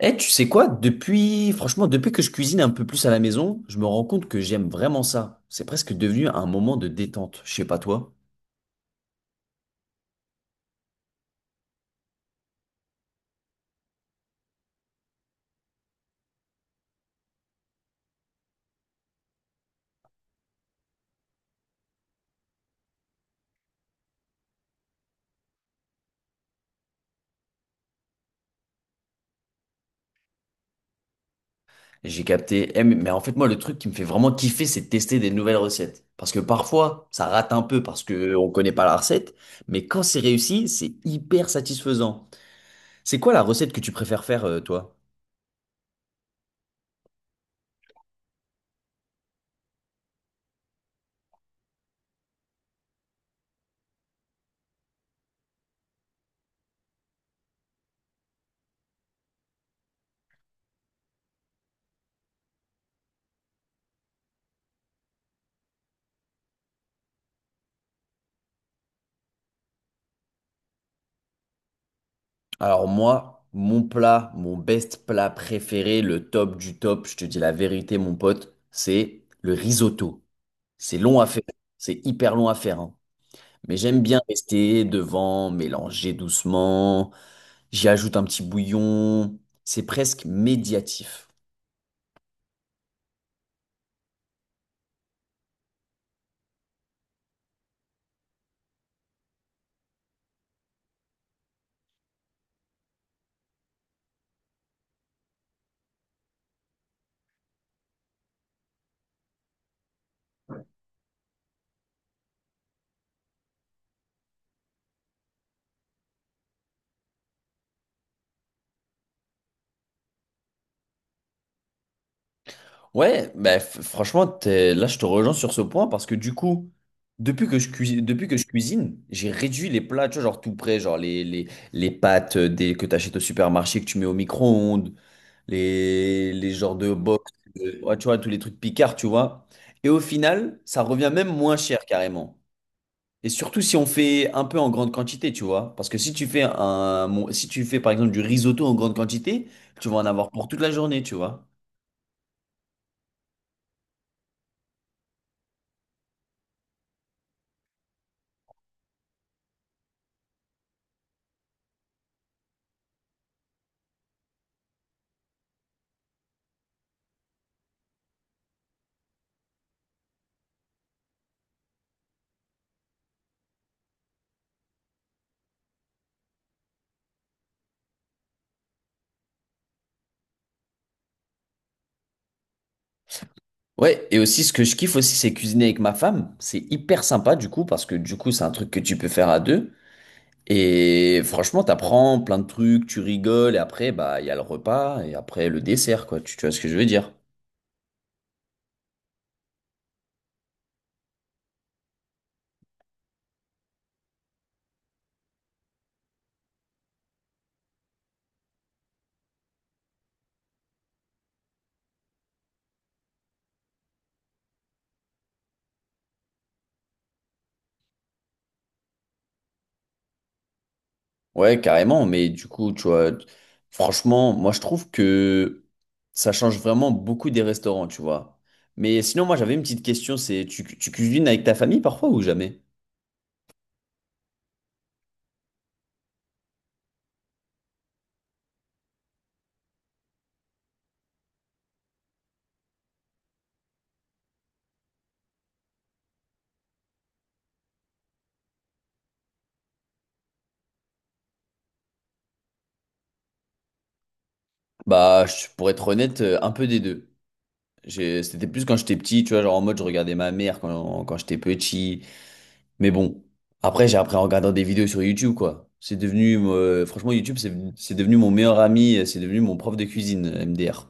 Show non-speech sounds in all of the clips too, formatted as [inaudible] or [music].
Eh, tu sais quoi? Depuis, franchement, depuis que je cuisine un peu plus à la maison, je me rends compte que j'aime vraiment ça. C'est presque devenu un moment de détente. Je sais pas toi. J'ai capté. Eh, mais en fait, moi, le truc qui me fait vraiment kiffer, c'est de tester des nouvelles recettes. Parce que parfois, ça rate un peu parce que on connaît pas la recette. Mais quand c'est réussi, c'est hyper satisfaisant. C'est quoi la recette que tu préfères faire, toi? Alors moi, mon plat, mon best plat préféré, le top du top, je te dis la vérité, mon pote, c'est le risotto. C'est long à faire. C'est hyper long à faire, hein. Mais j'aime bien rester devant, mélanger doucement. J'y ajoute un petit bouillon. C'est presque médiatif. Ouais, bah, franchement, là, je te rejoins sur ce point parce que du coup, depuis que je cuisine, j'ai réduit les plats, tu vois, genre tout prêt, genre les pâtes que tu achètes au supermarché, que tu mets au micro-ondes, les genres de box, ouais, tu vois, tous les trucs picards, tu vois. Et au final, ça revient même moins cher carrément. Et surtout si on fait un peu en grande quantité, tu vois. Parce que si tu fais un, mon- si tu fais par exemple du risotto en grande quantité, tu vas en avoir pour toute la journée, tu vois. Ouais, et aussi ce que je kiffe aussi, c'est cuisiner avec ma femme. C'est hyper sympa du coup, parce que du coup, c'est un truc que tu peux faire à deux. Et franchement, t'apprends plein de trucs, tu rigoles, et après, bah, il y a le repas, et après, le dessert, quoi. Tu vois ce que je veux dire? Ouais, carrément, mais du coup, tu vois, franchement, moi je trouve que ça change vraiment beaucoup des restaurants, tu vois. Mais sinon, moi j'avais une petite question, c'est tu cuisines avec ta famille parfois ou jamais? Bah, pour être honnête, un peu des deux. C'était plus quand j'étais petit, tu vois, genre en mode je regardais ma mère quand j'étais petit. Mais bon, après j'ai appris en regardant des vidéos sur YouTube, quoi. C'est devenu, franchement, YouTube, c'est devenu mon meilleur ami, c'est devenu mon prof de cuisine, MDR.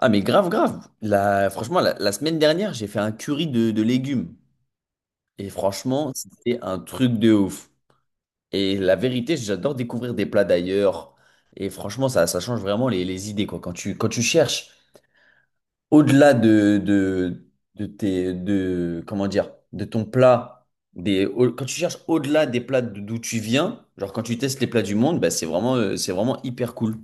Ah mais grave grave. Franchement la semaine dernière j'ai fait un curry de légumes et franchement c'était un truc de ouf. Et la vérité j'adore découvrir des plats d'ailleurs et franchement ça change vraiment les idées quoi. Quand tu cherches au-delà de tes de comment dire de ton plat des au- quand tu cherches au-delà des plats d'où tu viens genre quand tu testes les plats du monde bah, c'est vraiment hyper cool.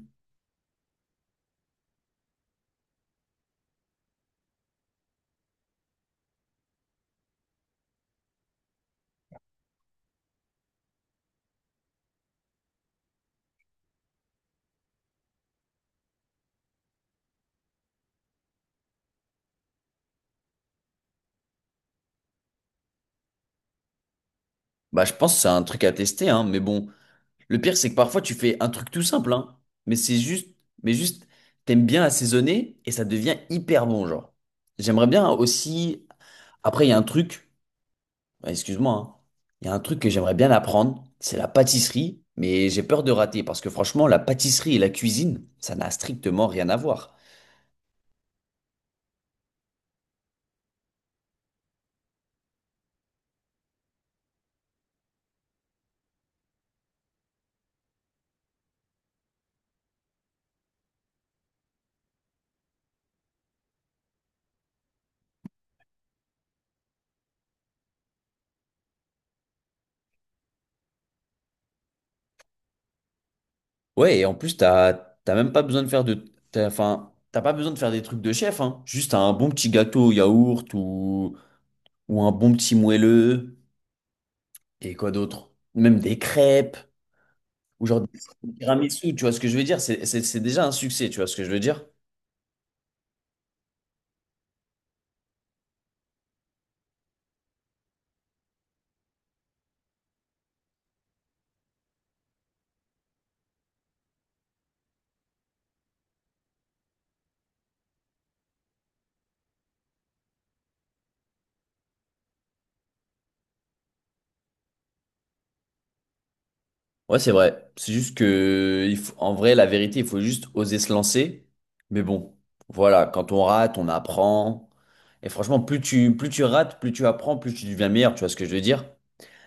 Bah je pense que c'est un truc à tester hein mais bon. Le pire, c'est que parfois tu fais un truc tout simple, hein, mais c'est juste, mais juste, t'aimes bien assaisonner et ça devient hyper bon, genre. J'aimerais bien aussi. Après, il y a un truc, bah, excuse-moi, hein. Il y a un truc que j'aimerais bien apprendre, c'est la pâtisserie, mais j'ai peur de rater parce que franchement, la pâtisserie et la cuisine, ça n'a strictement rien à voir. Ouais, et en plus, t'as même pas besoin de faire enfin, t'as pas besoin de faire des trucs de chef, hein. Juste un bon petit gâteau au yaourt ou un bon petit moelleux. Et quoi d'autre? Même des crêpes, ou genre des [laughs] tiramisu, tu vois ce que je veux dire? C'est déjà un succès, tu vois ce que je veux dire? Ouais, c'est vrai. En vrai, la vérité, il faut juste oser se lancer. Mais bon, voilà, quand on rate, on apprend. Et franchement, plus tu rates, plus tu apprends, plus tu deviens meilleur, tu vois ce que je veux dire?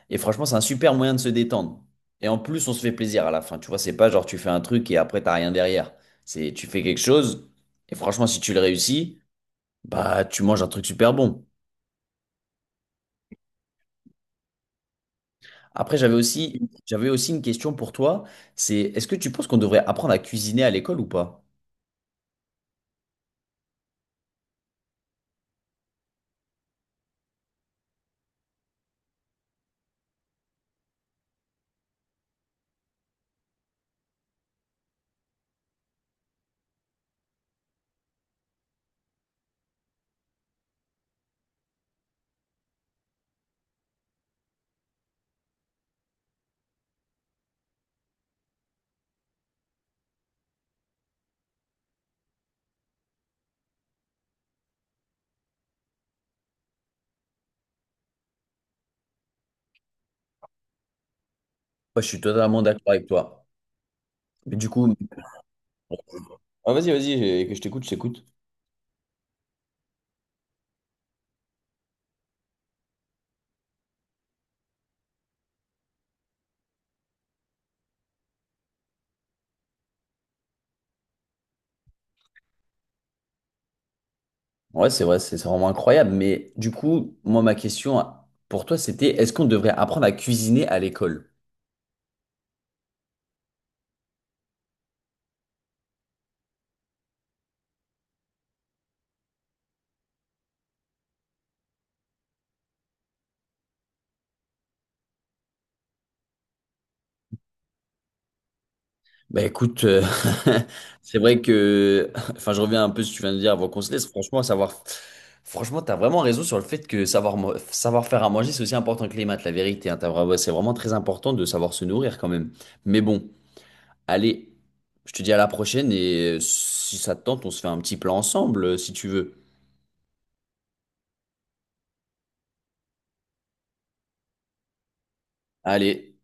Et franchement, c'est un super moyen de se détendre. Et en plus, on se fait plaisir à la fin, tu vois, c'est pas genre tu fais un truc et après, t'as rien derrière. C'est tu fais quelque chose, et franchement, si tu le réussis, bah, tu manges un truc super bon. Après, j'avais aussi une question pour toi. C'est, est-ce que tu penses qu'on devrait apprendre à cuisiner à l'école ou pas? Ouais, je suis totalement d'accord avec toi. Mais du coup, ah, vas-y, que je t'écoute, je t'écoute. Ouais, c'est vrai, c'est vraiment incroyable. Mais du coup, moi, ma question pour toi, c'était, est-ce qu'on devrait apprendre à cuisiner à l'école? Bah écoute, [laughs] c'est vrai que, enfin je reviens un peu si tu viens de dire avant qu'on se laisse, franchement savoir, franchement t'as vraiment raison sur le fait que savoir faire à manger c'est aussi important que les maths, la vérité, hein, c'est vraiment très important de savoir se nourrir quand même. Mais bon, allez, je te dis à la prochaine et si ça te tente on se fait un petit plan ensemble si tu veux. Allez.